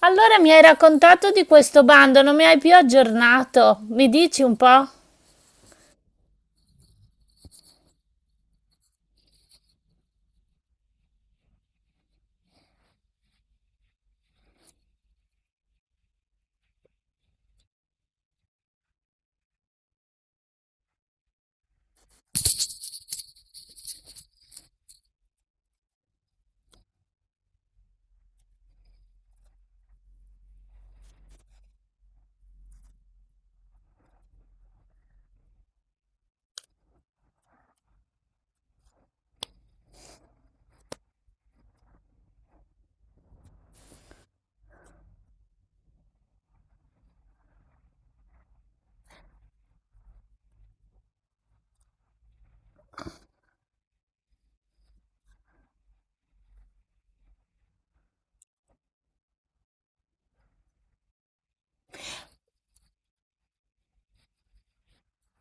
Allora mi hai raccontato di questo bando, non mi hai più aggiornato. Mi dici un po'?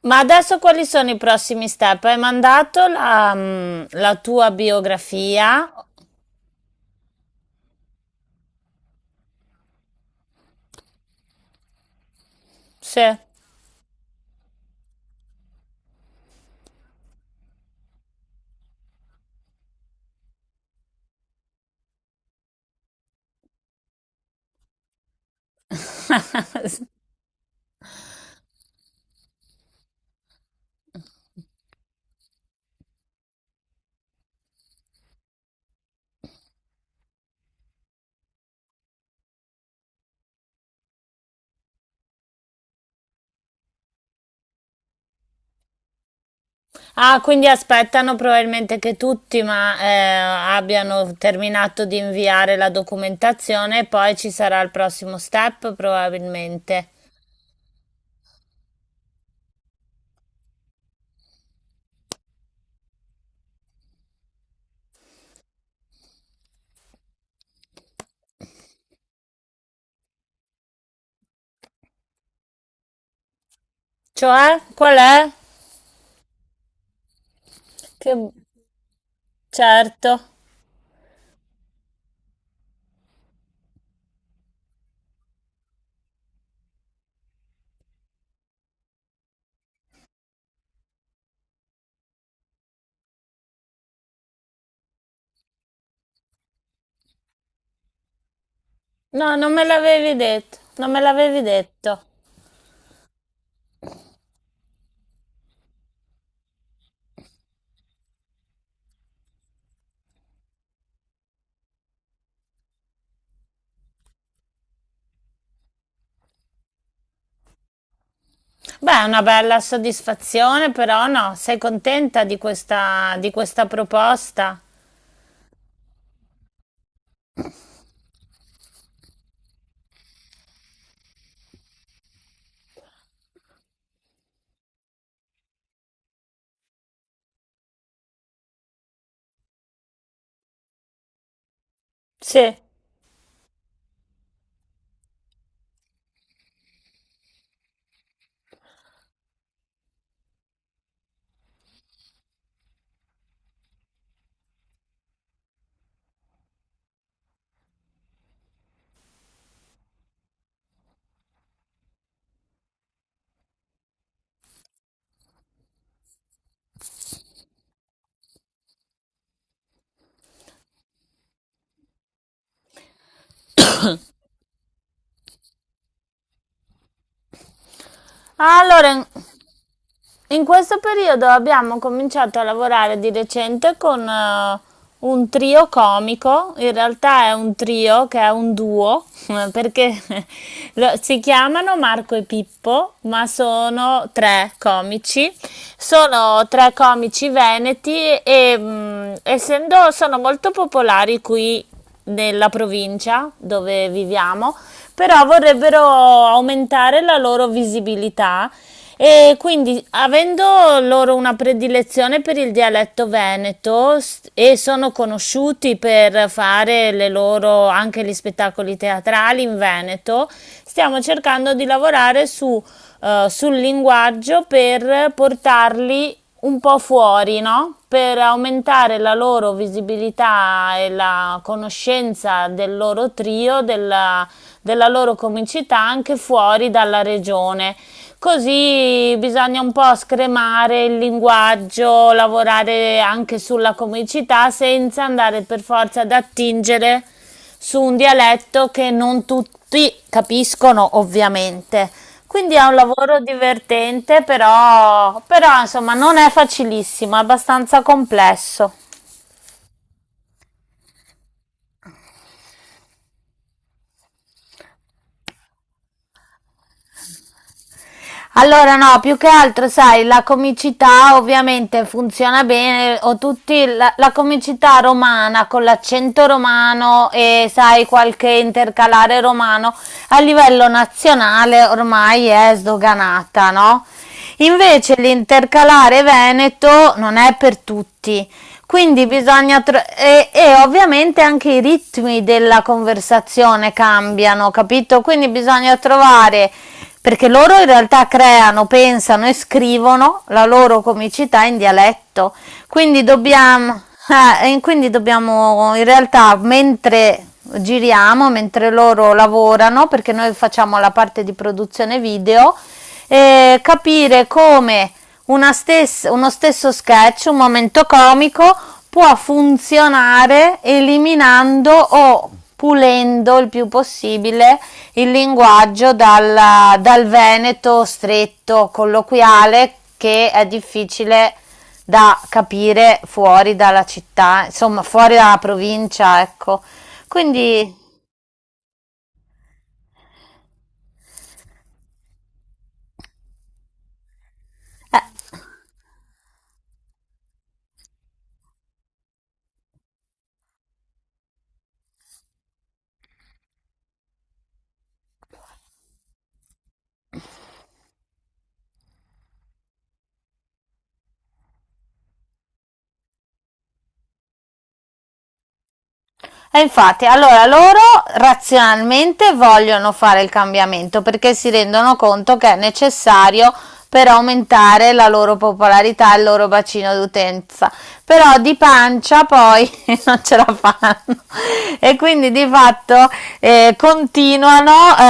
Ma adesso quali sono i prossimi step? Hai mandato la, la tua biografia? Sì. Quindi aspettano probabilmente che tutti ma, abbiano terminato di inviare la documentazione e poi ci sarà il prossimo step probabilmente. Cioè, qual è? Che certo. No, non me l'avevi detto. Beh, è una bella soddisfazione, però no, sei contenta di questa proposta? Sì, allora, in questo periodo abbiamo cominciato a lavorare di recente con un trio comico, in realtà è un trio che è un duo, perché si chiamano Marco e Pippo, ma sono tre comici veneti e essendo sono molto popolari qui nella provincia dove viviamo, però vorrebbero aumentare la loro visibilità e quindi avendo loro una predilezione per il dialetto veneto e sono conosciuti per fare le loro anche gli spettacoli teatrali in Veneto, stiamo cercando di lavorare su sul linguaggio per portarli un po' fuori, no? Per aumentare la loro visibilità e la conoscenza del loro trio, della loro comicità anche fuori dalla regione. Così bisogna un po' scremare il linguaggio, lavorare anche sulla comicità senza andare per forza ad attingere su un dialetto che non tutti capiscono, ovviamente. Quindi è un lavoro divertente, però insomma non è facilissimo, è abbastanza complesso. Allora no, più che altro sai, la comicità ovviamente funziona bene, o tutti la comicità romana con l'accento romano e sai qualche intercalare romano a livello nazionale ormai è sdoganata, no? Invece l'intercalare veneto non è per tutti, quindi bisogna e ovviamente anche i ritmi della conversazione cambiano, capito? Quindi bisogna trovare perché loro in realtà creano, pensano e scrivono la loro comicità in dialetto. Quindi dobbiamo dobbiamo in realtà mentre giriamo, mentre loro lavorano, perché noi facciamo la parte di produzione video capire come uno stesso sketch, un momento comico, può funzionare eliminando o pulendo il più possibile il linguaggio dal veneto stretto, colloquiale, che è difficile da capire fuori dalla città, insomma, fuori dalla provincia, ecco. Quindi, eh, e infatti, allora loro razionalmente vogliono fare il cambiamento perché si rendono conto che è necessario per aumentare la loro popolarità e il loro bacino d'utenza. Però di pancia poi non ce la fanno e quindi di fatto continuano eh,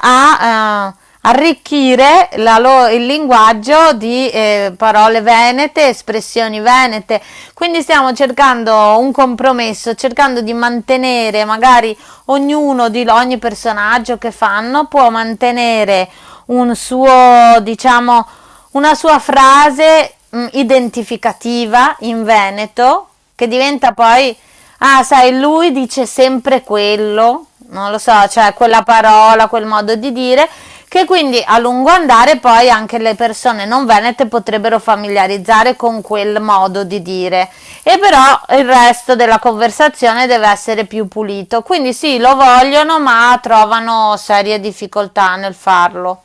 a... Eh, arricchire il linguaggio di parole venete, espressioni venete. Quindi stiamo cercando un compromesso, cercando di mantenere magari ognuno di ogni personaggio che fanno può mantenere un suo, diciamo, una sua frase identificativa in Veneto che diventa poi, ah, sai, lui dice sempre quello, non lo so, cioè quella parola, quel modo di dire che quindi a lungo andare poi anche le persone non venete potrebbero familiarizzare con quel modo di dire e però il resto della conversazione deve essere più pulito. Quindi sì, lo vogliono, ma trovano serie difficoltà nel farlo.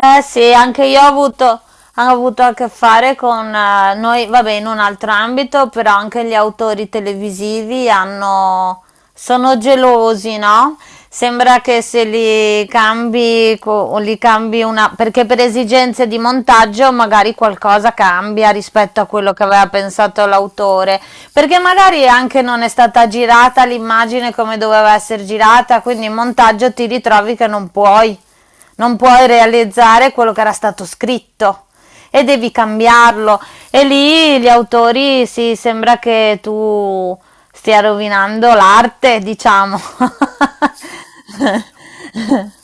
Eh sì, anche io ho avuto a che fare con noi, vabbè, in un altro ambito, però anche gli autori televisivi hanno, sono gelosi, no? Sembra che se li cambi, li cambi una, perché per esigenze di montaggio magari qualcosa cambia rispetto a quello che aveva pensato l'autore, perché magari anche non è stata girata l'immagine come doveva essere girata, quindi in montaggio ti ritrovi che non puoi. Non puoi realizzare quello che era stato scritto e devi cambiarlo. E lì gli autori si sembra che tu stia rovinando l'arte, diciamo.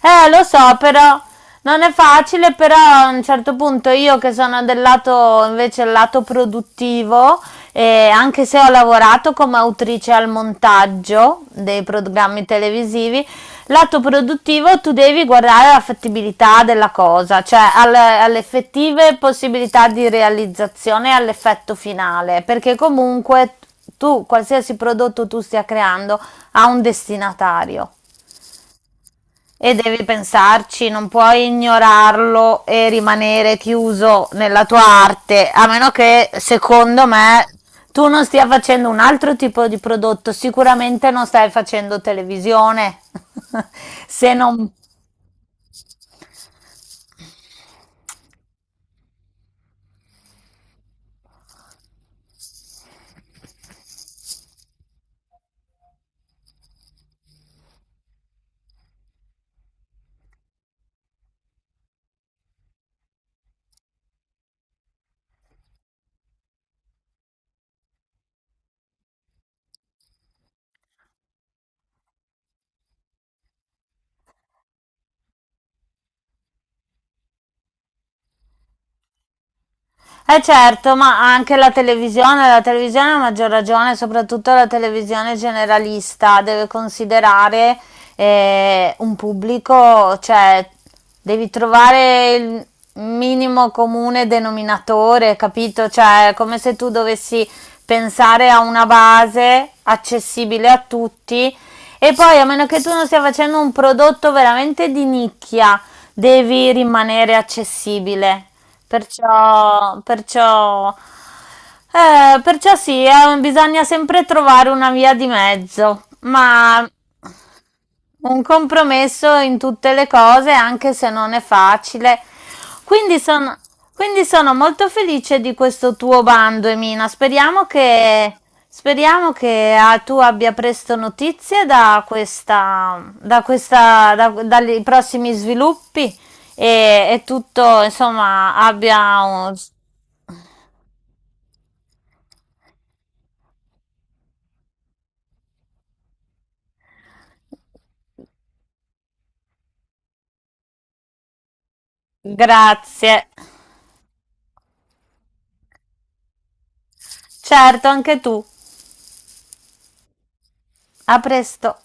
Lo so, però non è facile, però a un certo punto io che sono del lato invece il lato produttivo, anche se ho lavorato come autrice al montaggio dei programmi televisivi, lato produttivo tu devi guardare alla fattibilità della cosa, cioè alle effettive possibilità di realizzazione e all'effetto finale, perché comunque tu, qualsiasi prodotto tu stia creando, ha un destinatario. E devi pensarci, non puoi ignorarlo e rimanere chiuso nella tua arte, a meno che, secondo me, tu non stia facendo un altro tipo di prodotto, sicuramente non stai facendo televisione. Se non eh certo, ma anche la televisione a maggior ragione, soprattutto la televisione generalista, deve considerare un pubblico, cioè devi trovare il minimo comune denominatore, capito? Cioè è come se tu dovessi pensare a una base accessibile a tutti e poi a meno che tu non stia facendo un prodotto veramente di nicchia, devi rimanere accessibile. Perciò, perciò, perciò sì, bisogna sempre trovare una via di mezzo, ma un compromesso in tutte le cose, anche se non è facile. Quindi sono, quindi sono molto felice di questo tuo bando, Emina. Speriamo che tu abbia presto notizie da dai prossimi sviluppi e tutto, insomma, abbia un... Grazie. Certo, anche tu. A presto.